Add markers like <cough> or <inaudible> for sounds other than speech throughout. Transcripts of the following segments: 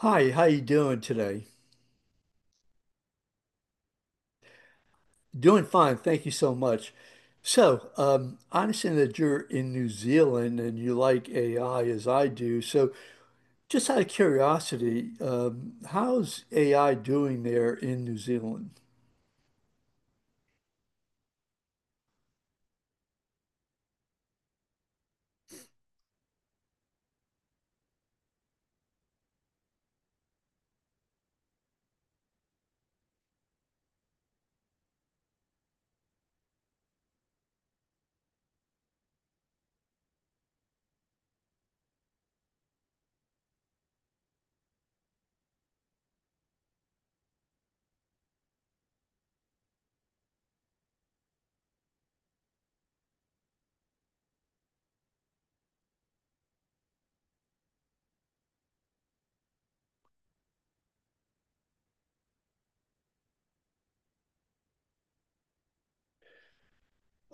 Hi, how you doing today? Doing fine, thank you so much. So, I understand that you're in New Zealand and you like AI as I do. Just out of curiosity, how's AI doing there in New Zealand?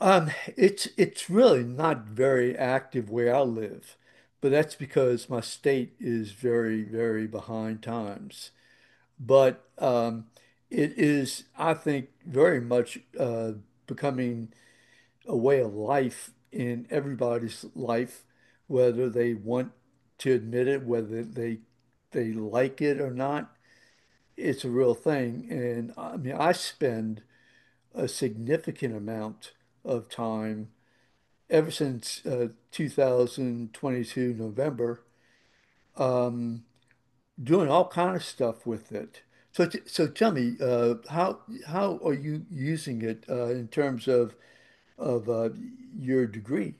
Um, it's really not very active where I live, but that's because my state is very, very behind times. But it is, I think, very much becoming a way of life in everybody's life, whether they want to admit it, whether they like it or not. It's a real thing. And I mean, I spend a significant amount of time ever since 2022 November, um, doing all kind of stuff with it. So tell me, how are you using it in terms of of your degree?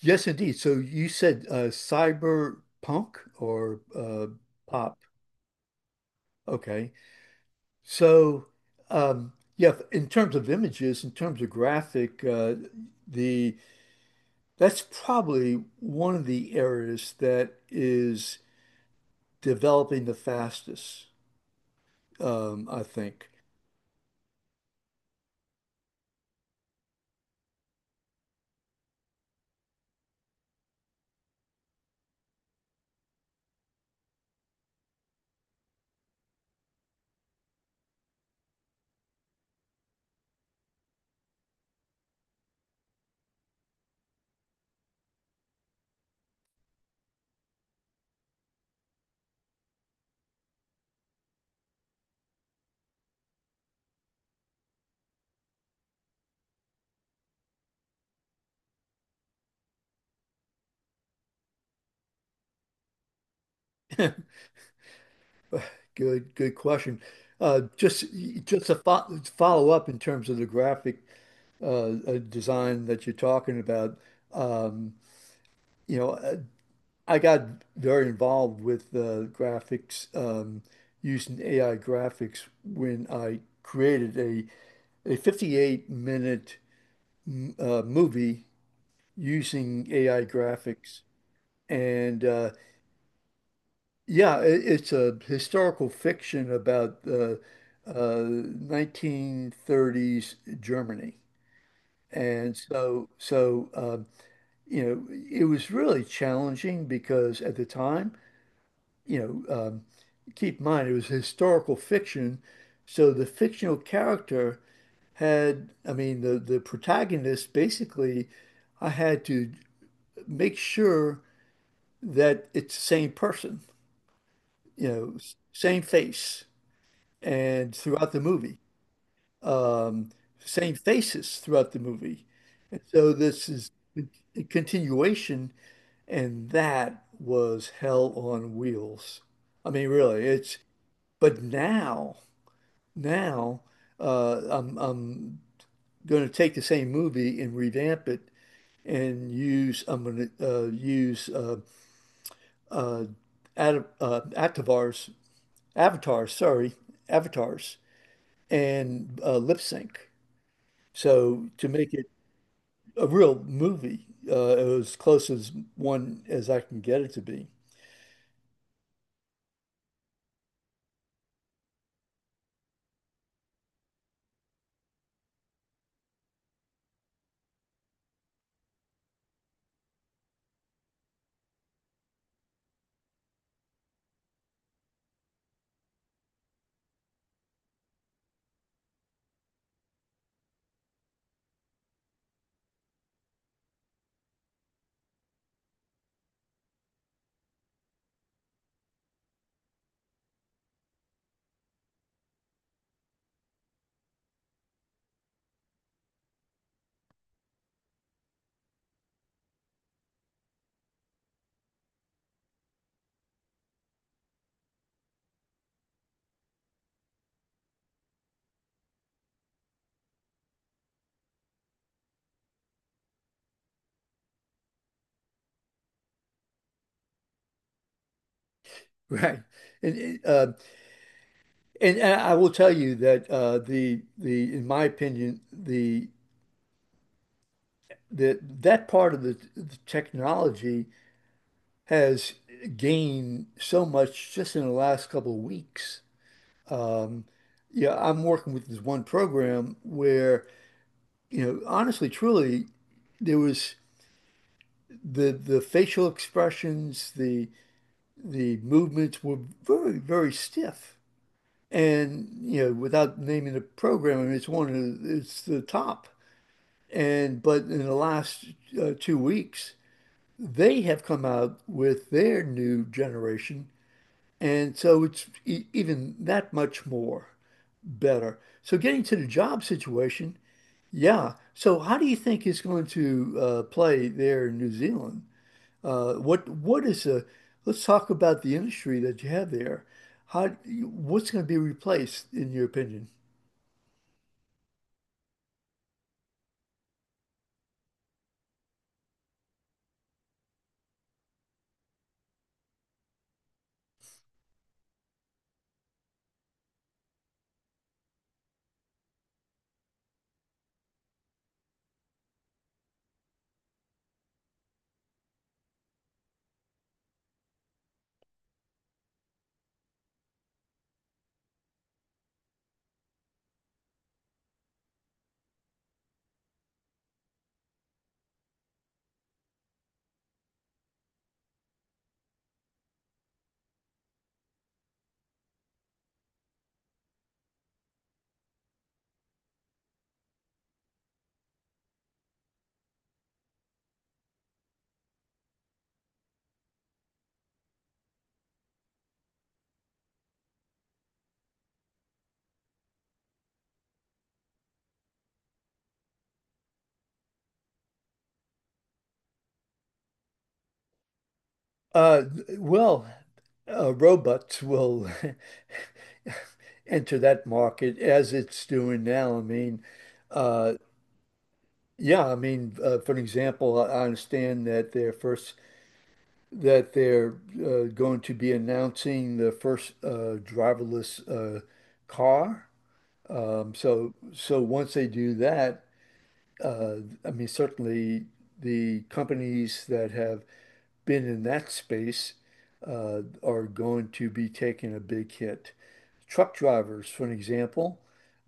Yes, indeed. So you said cyberpunk or pop. Okay. So, yeah, in terms of images, in terms of graphic, the that's probably one of the areas that is developing the fastest, I think. Good, good question. Uh, just just to fo follow up in terms of the graphic design that you're talking about. Um, you know. uh, I got very involved with graphics, using AI graphics when I created a 58 minute movie using AI graphics. And yeah, it's a historical fiction about the 1930s Germany. And so, you know, it was really challenging because at the time, you know, um, keep in mind it was historical fiction, so the fictional character had, I mean, the protagonist basically, I had to make sure that it's the same person, you know, same face, and throughout the movie, um, same faces throughout the movie, and so this is a continuation, and that was hell on wheels. I mean, really, it's but now. Now I'm going to take the same movie and revamp it and use I'm going to use uh, ad, avatars avatars sorry avatars and lip sync so to make it a real movie as close as one as I can get it to be. <laughs> Right. And, uh, and I will tell you that the in my opinion the that that part of the technology has gained so much just in the last couple of weeks. Um, yeah, I'm working with this one program where, you know, honestly, truly, there was the facial expressions, the movements were very, very stiff. And, you know, without naming the program, I mean, it's one of the, it's the top. And but in the last 2 weeks, they have come out with their new generation, and so it's e even that much more better. So getting to the job situation, yeah. So how do you think it's going to play there in New Zealand? What is the Let's talk about the industry that you have there. How What's going to be replaced in your opinion? Uh, well, Robots will <laughs> enter that market as it's doing now. I mean, uh, yeah, I mean, for an example, I understand that they're first that they're going to be announcing the first driverless car. So once they do that, uh, I mean, certainly the companies that have been in that space are going to be taking a big hit. Truck drivers, for an example,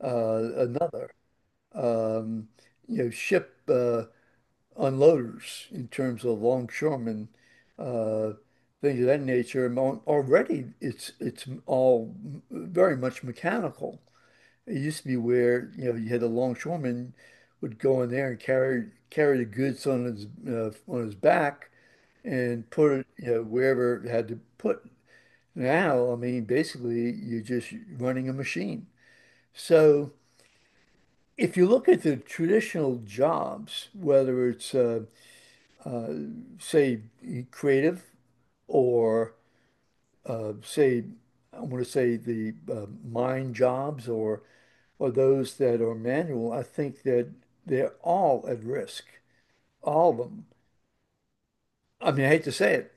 another. Um, you know, ship. Unloaders in terms of longshoremen, uh, things of that nature. And already it's all very much mechanical. It used to be where you know you had a longshoreman would go in there and carry the goods on his back and put it you know wherever it had to put. Now, I mean, basically you're just running a machine. So if you look at the traditional jobs, whether it's say creative or say, I want to say the mine jobs or those that are manual, I think that they're all at risk, all of them. I mean, I hate to say it.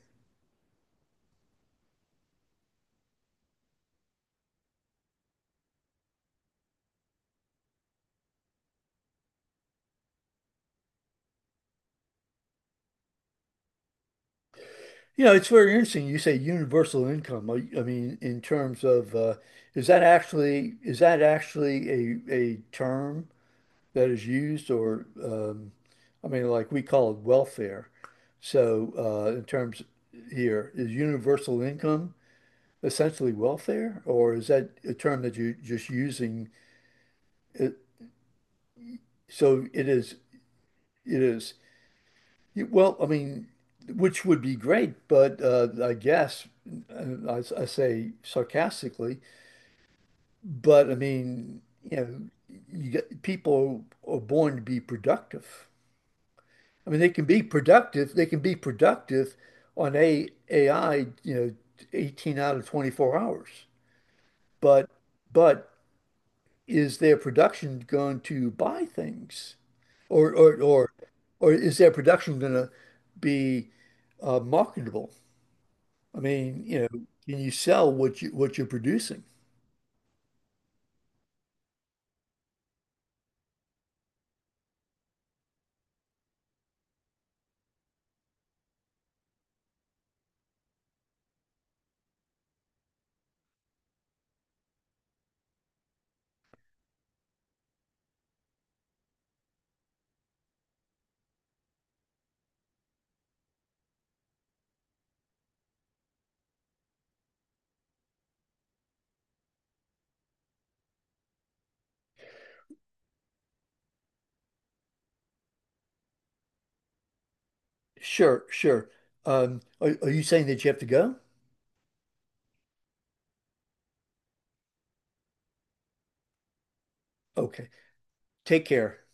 You know, it's very interesting. You say universal income. I mean, in terms of is that actually a term that is used or I mean, like we call it welfare. So in terms here is universal income. Essentially welfare, or is that a term that you're just using? It, so it is, it is, well, I mean, which would be great, but I guess uh, I say sarcastically, but I mean, you know, you get, people are born to be productive. I mean, they can be productive. They can be productive on a AI, you know, 18 out of 24 hours. But but is their production going to buy things? Or or is their production going to be marketable? I mean, you know, can you sell what you what you're producing? Sure, sure. Are you saying that you have to go? Okay. Take care.